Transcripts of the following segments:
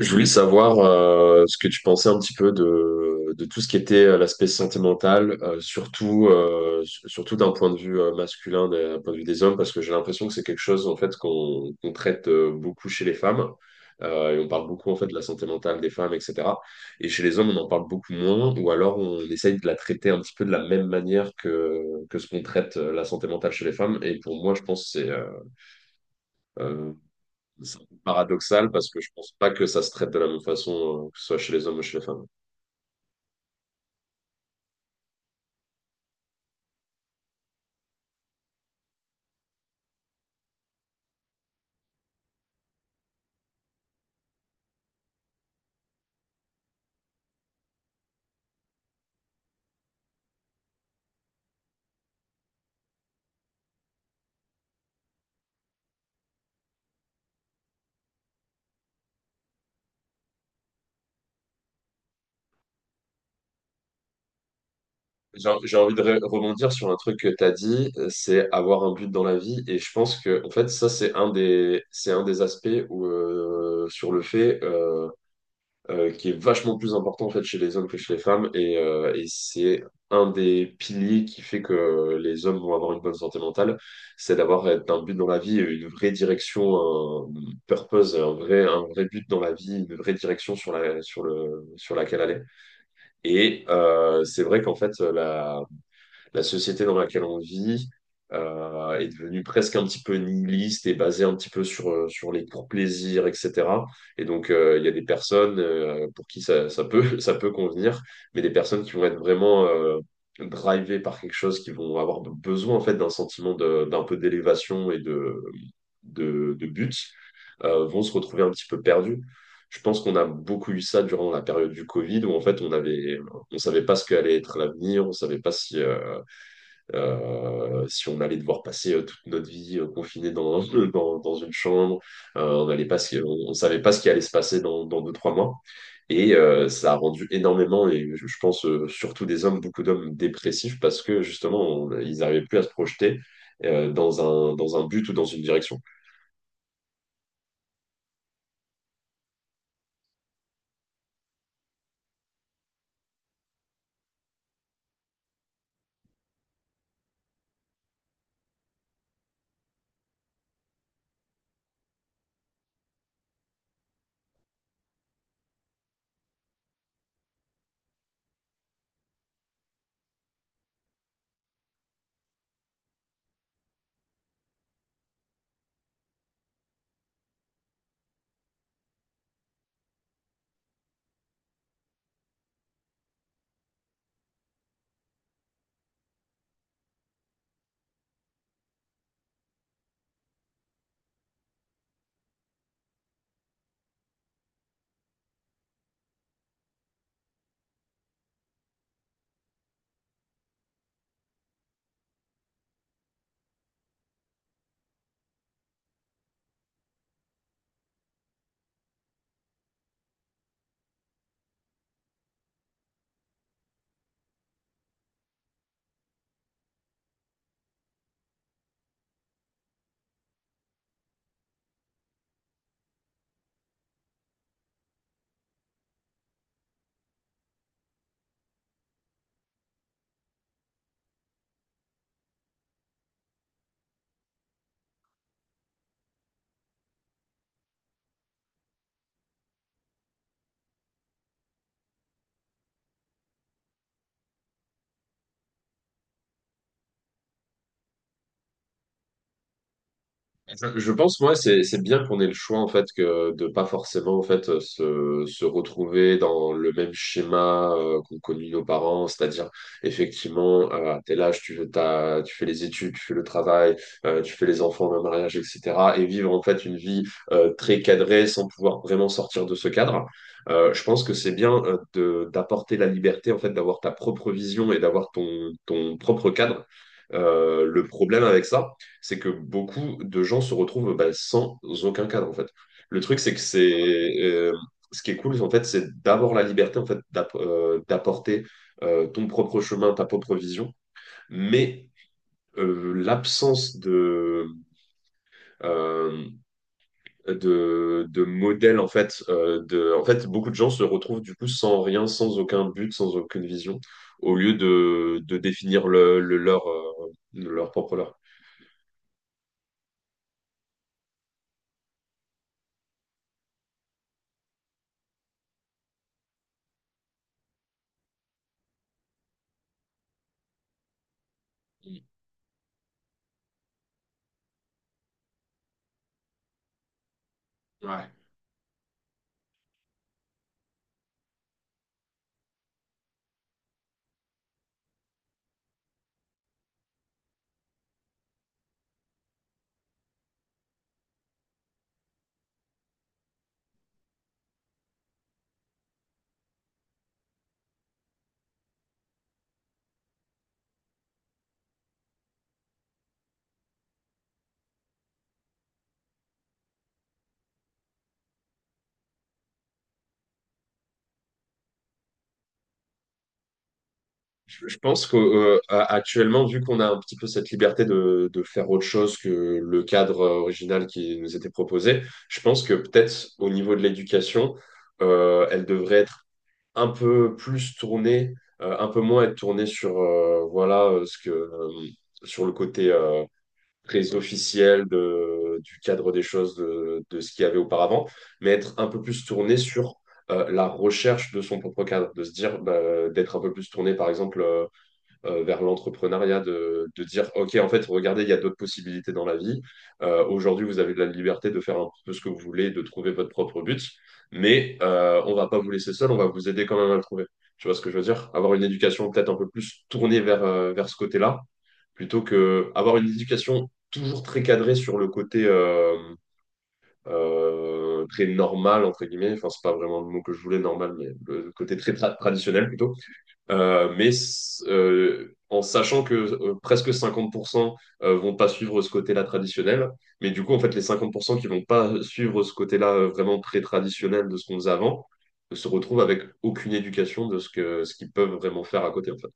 Je voulais savoir ce que tu pensais un petit peu de tout ce qui était l'aspect santé mentale, surtout, surtout d'un point de vue masculin, d'un point de vue des hommes, parce que j'ai l'impression que c'est quelque chose en fait qu'on traite beaucoup chez les femmes. Et on parle beaucoup en fait de la santé mentale des femmes, etc. Et chez les hommes, on en parle beaucoup moins, ou alors on essaye de la traiter un petit peu de la même manière que ce qu'on traite la santé mentale chez les femmes. Et pour moi, je pense que euh, c'est un peu paradoxal parce que je pense pas que ça se traite de la même façon, que ce soit chez les hommes ou chez les femmes. J'ai envie de rebondir sur un truc que tu as dit, c'est avoir un but dans la vie. Et je pense que, en fait, ça, c'est un des aspects où, sur le fait qui est vachement plus important en fait chez les hommes que chez les femmes et c'est un des piliers qui fait que les hommes vont avoir une bonne santé mentale, c'est d'avoir un but dans la vie, une vraie direction, un purpose, un vrai but dans la vie, une vraie direction sur la, sur le, sur laquelle aller. Et c'est vrai qu'en fait la société dans laquelle on vit est devenue presque un petit peu nihiliste et basée un petit peu sur les pour plaisir, etc. Et donc, il y a des personnes pour qui ça peut convenir, mais des personnes qui vont être vraiment drivées par quelque chose, qui vont avoir besoin en fait d'un sentiment d'un peu d'élévation et de but, vont se retrouver un petit peu perdus. Je pense qu'on a beaucoup eu ça durant la période du Covid, où en fait on avait, on savait pas ce qu'allait être l'avenir, on savait pas si on allait devoir passer toute notre vie confiné dans une chambre, on allait pas, on savait pas ce qui allait se passer dans deux, trois mois. Et ça a rendu énormément, et je pense surtout des hommes, beaucoup d'hommes dépressifs parce que justement, ils n'arrivaient plus à se projeter euh, dans dans un but ou dans une direction. Je pense, moi, c'est bien qu'on ait le choix, en fait, que de pas forcément, en fait, se retrouver dans le même schéma qu'ont connu nos parents, c'est-à-dire, effectivement, à tel âge, tu fais les études, tu fais le travail, tu fais les enfants, le mariage, etc., et vivre, en fait, une vie très cadrée sans pouvoir vraiment sortir de ce cadre. Je pense que c'est bien d'apporter la liberté, en fait, d'avoir ta propre vision et d'avoir ton propre cadre. Le problème avec ça, c'est que beaucoup de gens se retrouvent bah, sans aucun cadre, en fait. Le truc, c'est que ce qui est cool, en fait, c'est d'avoir la liberté, en fait, d'apporter ton propre chemin, ta propre vision, mais l'absence euh, de modèle en fait de en fait beaucoup de gens se retrouvent du coup sans rien, sans aucun but, sans aucune vision, au lieu de définir le leur, leur propre leur. Ouais. Je pense qu'actuellement, vu qu'on a un petit peu cette liberté de faire autre chose que le cadre original qui nous était proposé, je pense que peut-être au niveau de l'éducation, elle devrait être un peu plus tournée, un peu moins être tournée sur voilà, ce que sur le côté très officiel du cadre des choses de ce qu'il y avait auparavant, mais être un peu plus tournée sur la recherche de son propre cadre, de se dire bah, d'être un peu plus tourné par exemple, vers l'entrepreneuriat, de dire, OK, en fait, regardez, il y a d'autres possibilités dans la vie. Aujourd'hui, vous avez de la liberté de faire un peu ce que vous voulez, de trouver votre propre but, mais on va pas vous laisser seul, on va vous aider quand même à le trouver. Tu vois ce que je veux dire? Avoir une éducation peut-être un peu plus tournée vers ce côté-là, plutôt que avoir une éducation toujours très cadrée sur le côté très normal, entre guillemets. Enfin, c'est pas vraiment le mot que je voulais, normal, mais le côté très traditionnel plutôt. Mais en sachant que presque 50 % vont pas suivre ce côté-là traditionnel. Mais du coup, en fait, les 50 % qui vont pas suivre ce côté-là vraiment très traditionnel de ce qu'on faisait avant, se retrouvent avec aucune éducation de ce qu'ils peuvent vraiment faire à côté, en fait.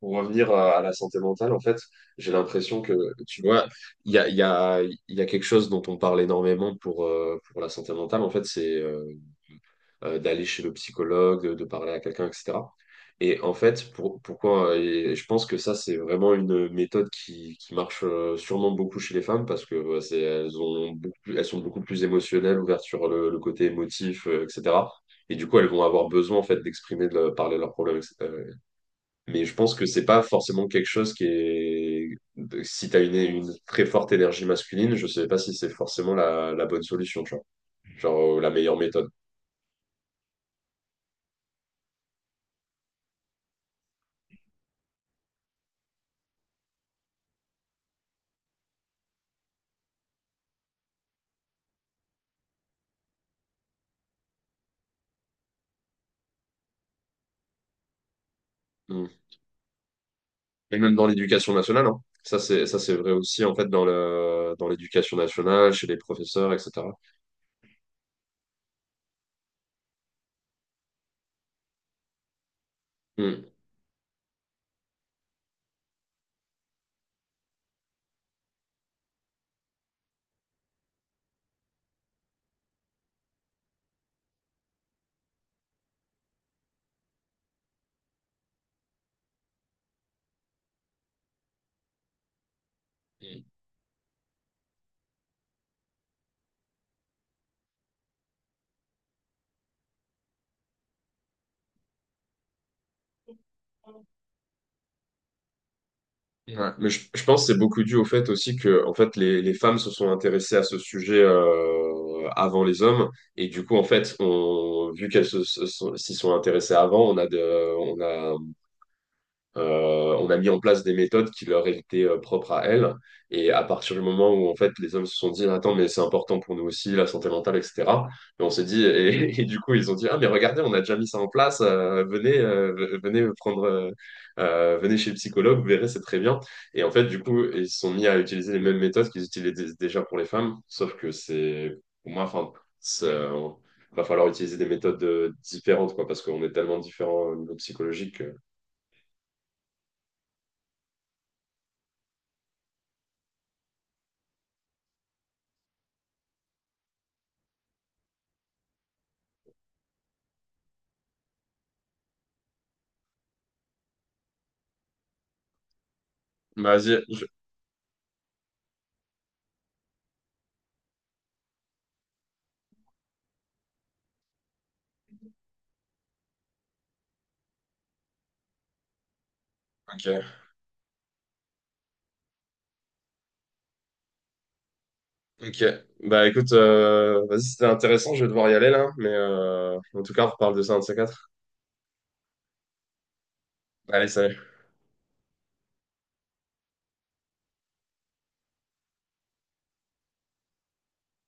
Pour revenir à la santé mentale, en fait, j'ai l'impression que, tu vois, il y a, il y a, il y a quelque chose dont on parle énormément pour la santé mentale, en fait, c'est d'aller chez le psychologue, de parler à quelqu'un, etc. Et en fait, et je pense que ça, c'est vraiment une méthode qui marche sûrement beaucoup chez les femmes parce que c'est, elles ont beaucoup plus- elles sont beaucoup plus émotionnelles, ouvertes sur le côté émotif, etc. Et du coup, elles vont avoir besoin en fait d'exprimer, parler de leurs problèmes, etc. Mais je pense que c'est pas forcément quelque chose qui est. Si t'as une très forte énergie masculine, je sais pas si c'est forcément la bonne solution, tu vois. Genre, la meilleure méthode. Et même dans l'éducation nationale, hein. Ça, c'est vrai aussi, en fait, dans l'éducation nationale, chez les professeurs, etc. Mm. Ouais. Mais je pense que c'est beaucoup dû au fait aussi que, en fait, les femmes se sont intéressées à ce sujet, avant les hommes. Et du coup, en fait, vu qu'elles s'y sont intéressées avant, on a... On a mis en place des méthodes qui leur étaient propres à elles. Et à partir du moment où en fait les hommes se sont dit, attends, mais c'est important pour nous aussi, la santé mentale, etc. Et on s'est dit, et du coup ils ont dit, ah mais regardez, on a déjà mis ça en place. Venez chez le psychologue, vous verrez, c'est très bien. Et en fait du coup ils se sont mis à utiliser les mêmes méthodes qu'ils utilisaient déjà pour les femmes, sauf que c'est pour moi, enfin, c'est, euh, va falloir utiliser des méthodes différentes quoi, parce qu'on est tellement différents au niveau psychologique. Vas-y. Ok, ok. Bah écoute, vas-y, c'était intéressant, je vais devoir y aller là, mais en tout cas, on reparle de ça un de ces quatre. Allez, salut.